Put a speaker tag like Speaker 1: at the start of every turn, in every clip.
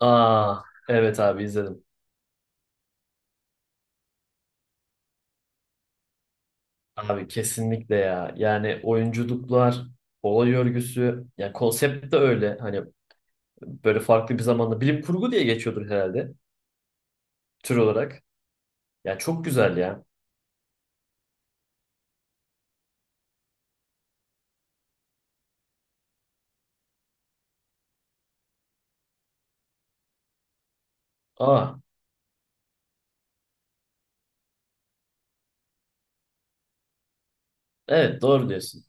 Speaker 1: Aa, evet abi izledim. Abi kesinlikle ya. Yani oyunculuklar, olay örgüsü, yani konsept de öyle. Hani böyle farklı bir zamanda bilim kurgu diye geçiyordur herhalde tür olarak. Ya çok güzel ya. Aa, evet doğru diyorsun.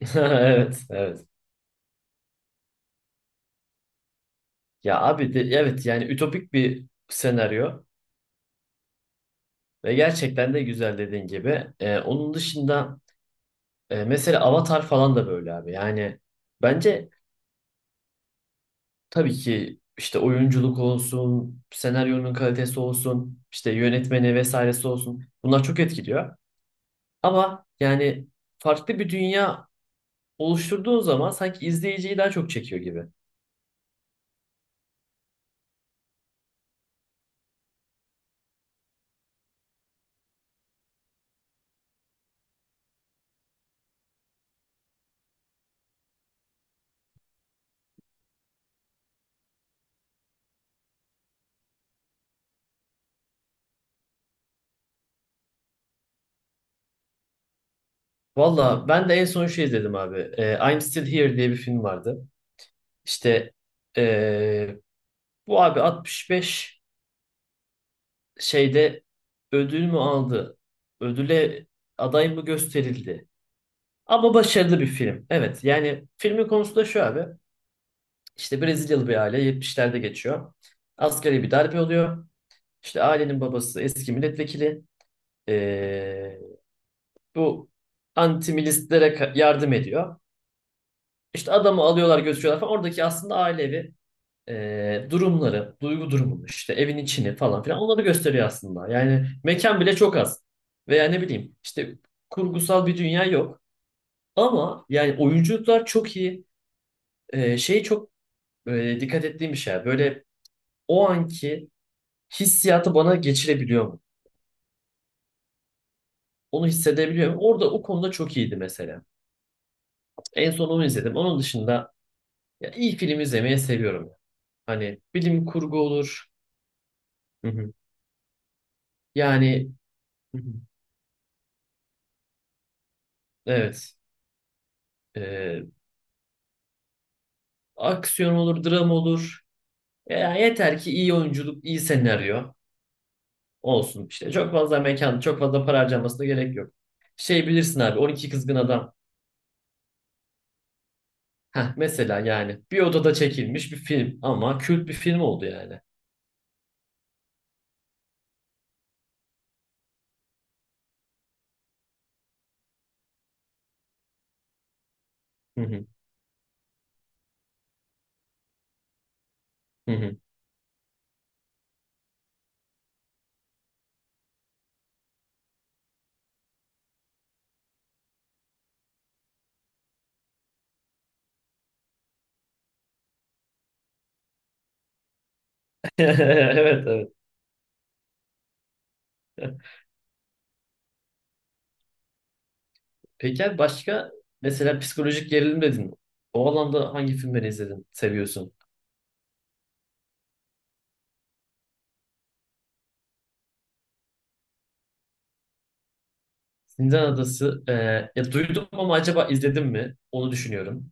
Speaker 1: Evet, evet. Ya abi de, evet yani ütopik bir senaryo ve gerçekten de güzel dediğin gibi. Onun dışında mesela Avatar falan da böyle abi. Yani bence Tabii ki işte oyunculuk olsun, senaryonun kalitesi olsun, işte yönetmeni vesairesi olsun. Bunlar çok etkiliyor. Ama yani farklı bir dünya oluşturduğun zaman sanki izleyiciyi daha çok çekiyor gibi. Valla ben de en son şey izledim abi. I'm Still Here diye bir film vardı. İşte ee, bu abi 65 şeyde ödül mü aldı? Ödüle aday mı gösterildi? Ama başarılı bir film. Evet yani filmin konusu da şu abi. İşte Brezilyalı bir aile 70'lerde geçiyor. Asgari bir darbe oluyor. İşte ailenin babası eski milletvekili. Ee, bu anti-milistlere yardım ediyor. İşte adamı alıyorlar götürüyorlar falan. Oradaki aslında ailevi durumları, duygu durumunu işte evin içini falan filan onları gösteriyor aslında. Yani mekan bile çok az. Veya ne bileyim işte kurgusal bir dünya yok. Ama yani oyunculuklar çok iyi. Şey çok dikkat ettiğim bir şey. Böyle o anki hissiyatı bana geçirebiliyor mu? Onu hissedebiliyor muyum? Orada o konuda çok iyiydi mesela. En son onu izledim. Onun dışında ya iyi film izlemeyi seviyorum. Hani bilim kurgu olur. Hı hı. Yani hı hı. Evet. Ee, aksiyon olur, dram olur. Ya yeter ki iyi oyunculuk, iyi senaryo olsun işte. Çok fazla mekan, çok fazla para harcamasına gerek yok. Şey bilirsin abi 12 Kızgın Adam. Heh, mesela yani bir odada çekilmiş bir film ama kült bir film oldu yani. Hı hı. Hı hı. Evet evet. Peki abi başka mesela psikolojik gerilim dedin. O alanda hangi filmleri izledin, seviyorsun? Zindan Adası. Ya duydum ama acaba izledim mi? Onu düşünüyorum.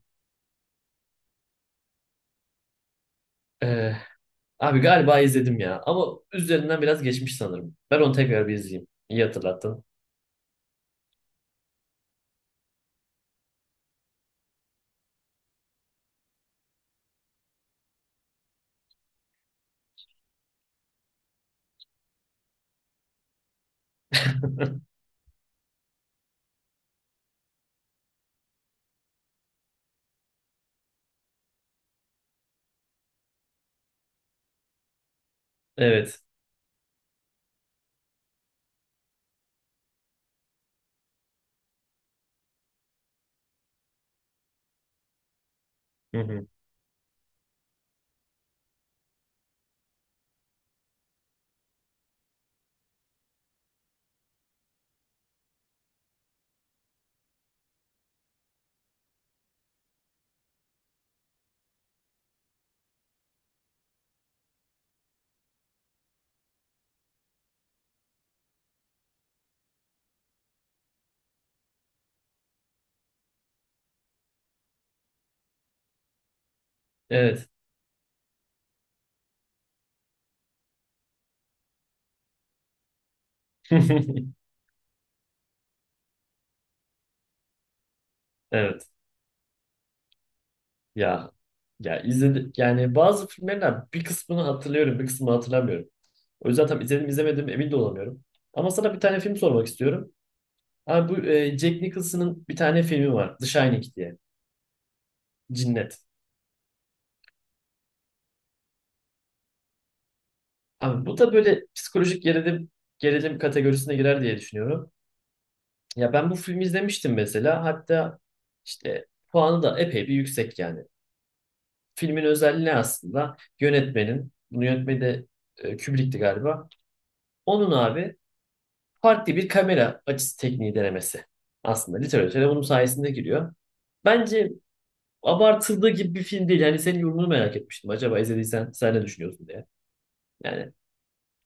Speaker 1: E, abi galiba izledim ya. Ama üzerinden biraz geçmiş sanırım. Ben onu tekrar bir izleyeyim. İyi hatırlattın. Evet. Hı hı. Evet. Evet. Ya ya izledim yani bazı filmlerden bir kısmını hatırlıyorum, bir kısmını hatırlamıyorum. O yüzden tam izledim izlemedim emin de olamıyorum. Ama sana bir tane film sormak istiyorum. Abi bu Jack Nicholson'ın bir tane filmi var. The Shining diye. Cinnet. Abi bu da böyle psikolojik gerilim kategorisine girer diye düşünüyorum. Ya ben bu filmi izlemiştim mesela. Hatta işte puanı da epey bir yüksek yani. Filmin özelliği ne aslında? Yönetmenin, bunu yönetmeni de Kubrick'ti galiba. Onun abi farklı bir kamera açısı tekniği denemesi. Aslında literatüre bunun sayesinde giriyor. Bence abartıldığı gibi bir film değil. Yani senin yorumunu merak etmiştim. Acaba izlediysen sen ne düşünüyorsun diye. Yani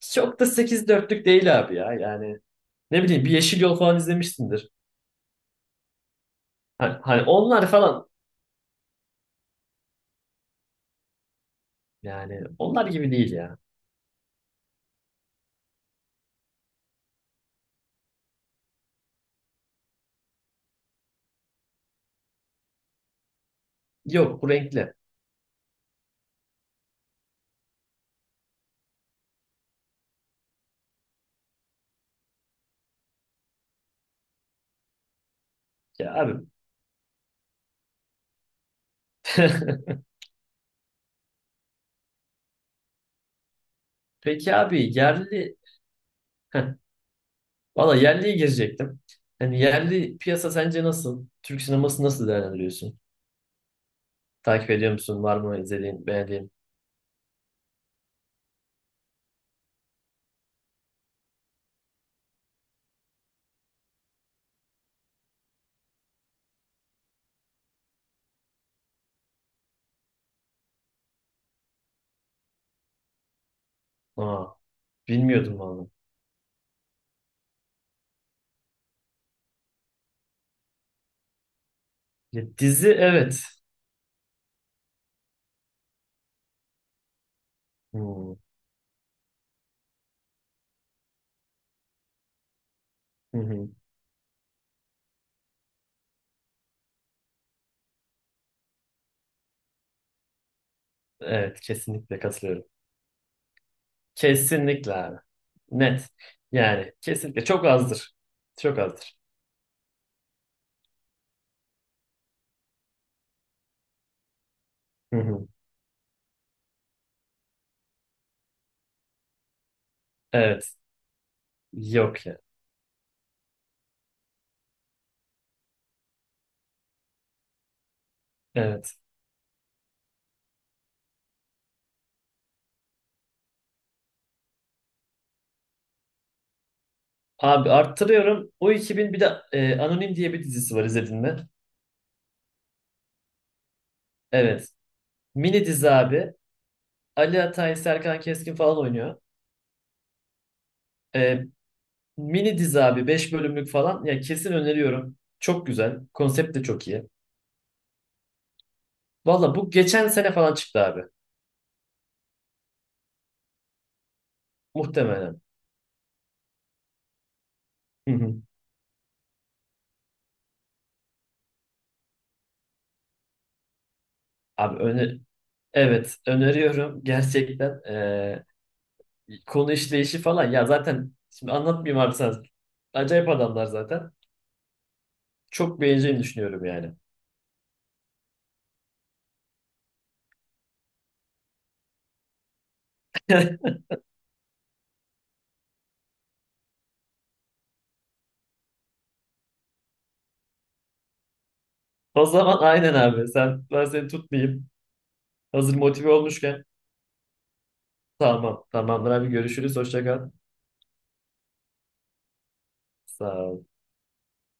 Speaker 1: çok da 8,4'lük değil abi ya. Yani ne bileyim bir Yeşil Yol falan izlemişsindir. Hani, onlar falan yani onlar gibi değil ya. Yok bu renkli. Ya abi. Peki abi yerli Heh, valla yerliye girecektim. Hani yerli piyasa sence nasıl? Türk sineması nasıl değerlendiriyorsun? Takip ediyor musun? Var mı izlediğin, beğendiğin? Aa, bilmiyordum vallahi. Ya, dizi evet. Hmm. Hı hı. Evet kesinlikle katılıyorum. Kesinlikle abi. Net. Yani kesinlikle çok azdır. Çok azdır. Hı hı. Evet. Yok ya. Evet. Abi arttırıyorum. O 2001 de Anonim diye bir dizisi var izledin mi? Evet. Mini dizi abi. Ali Atay, Serkan Keskin falan oynuyor. E, Mini dizi abi 5 bölümlük falan. Ya kesin öneriyorum. Çok güzel. Konsept de çok iyi. Valla bu geçen sene falan çıktı abi. Muhtemelen. Hı hı. Abi evet öneriyorum gerçekten. Konu işleyişi falan ya zaten şimdi anlatmayayım abi sen. Acayip adamlar zaten. Çok beğeneceğini düşünüyorum yani. O zaman aynen abi. Sen ben seni tutmayayım. Hazır motive olmuşken. Tamam. Tamamdır abi görüşürüz. Hoşça kal. Sağ ol.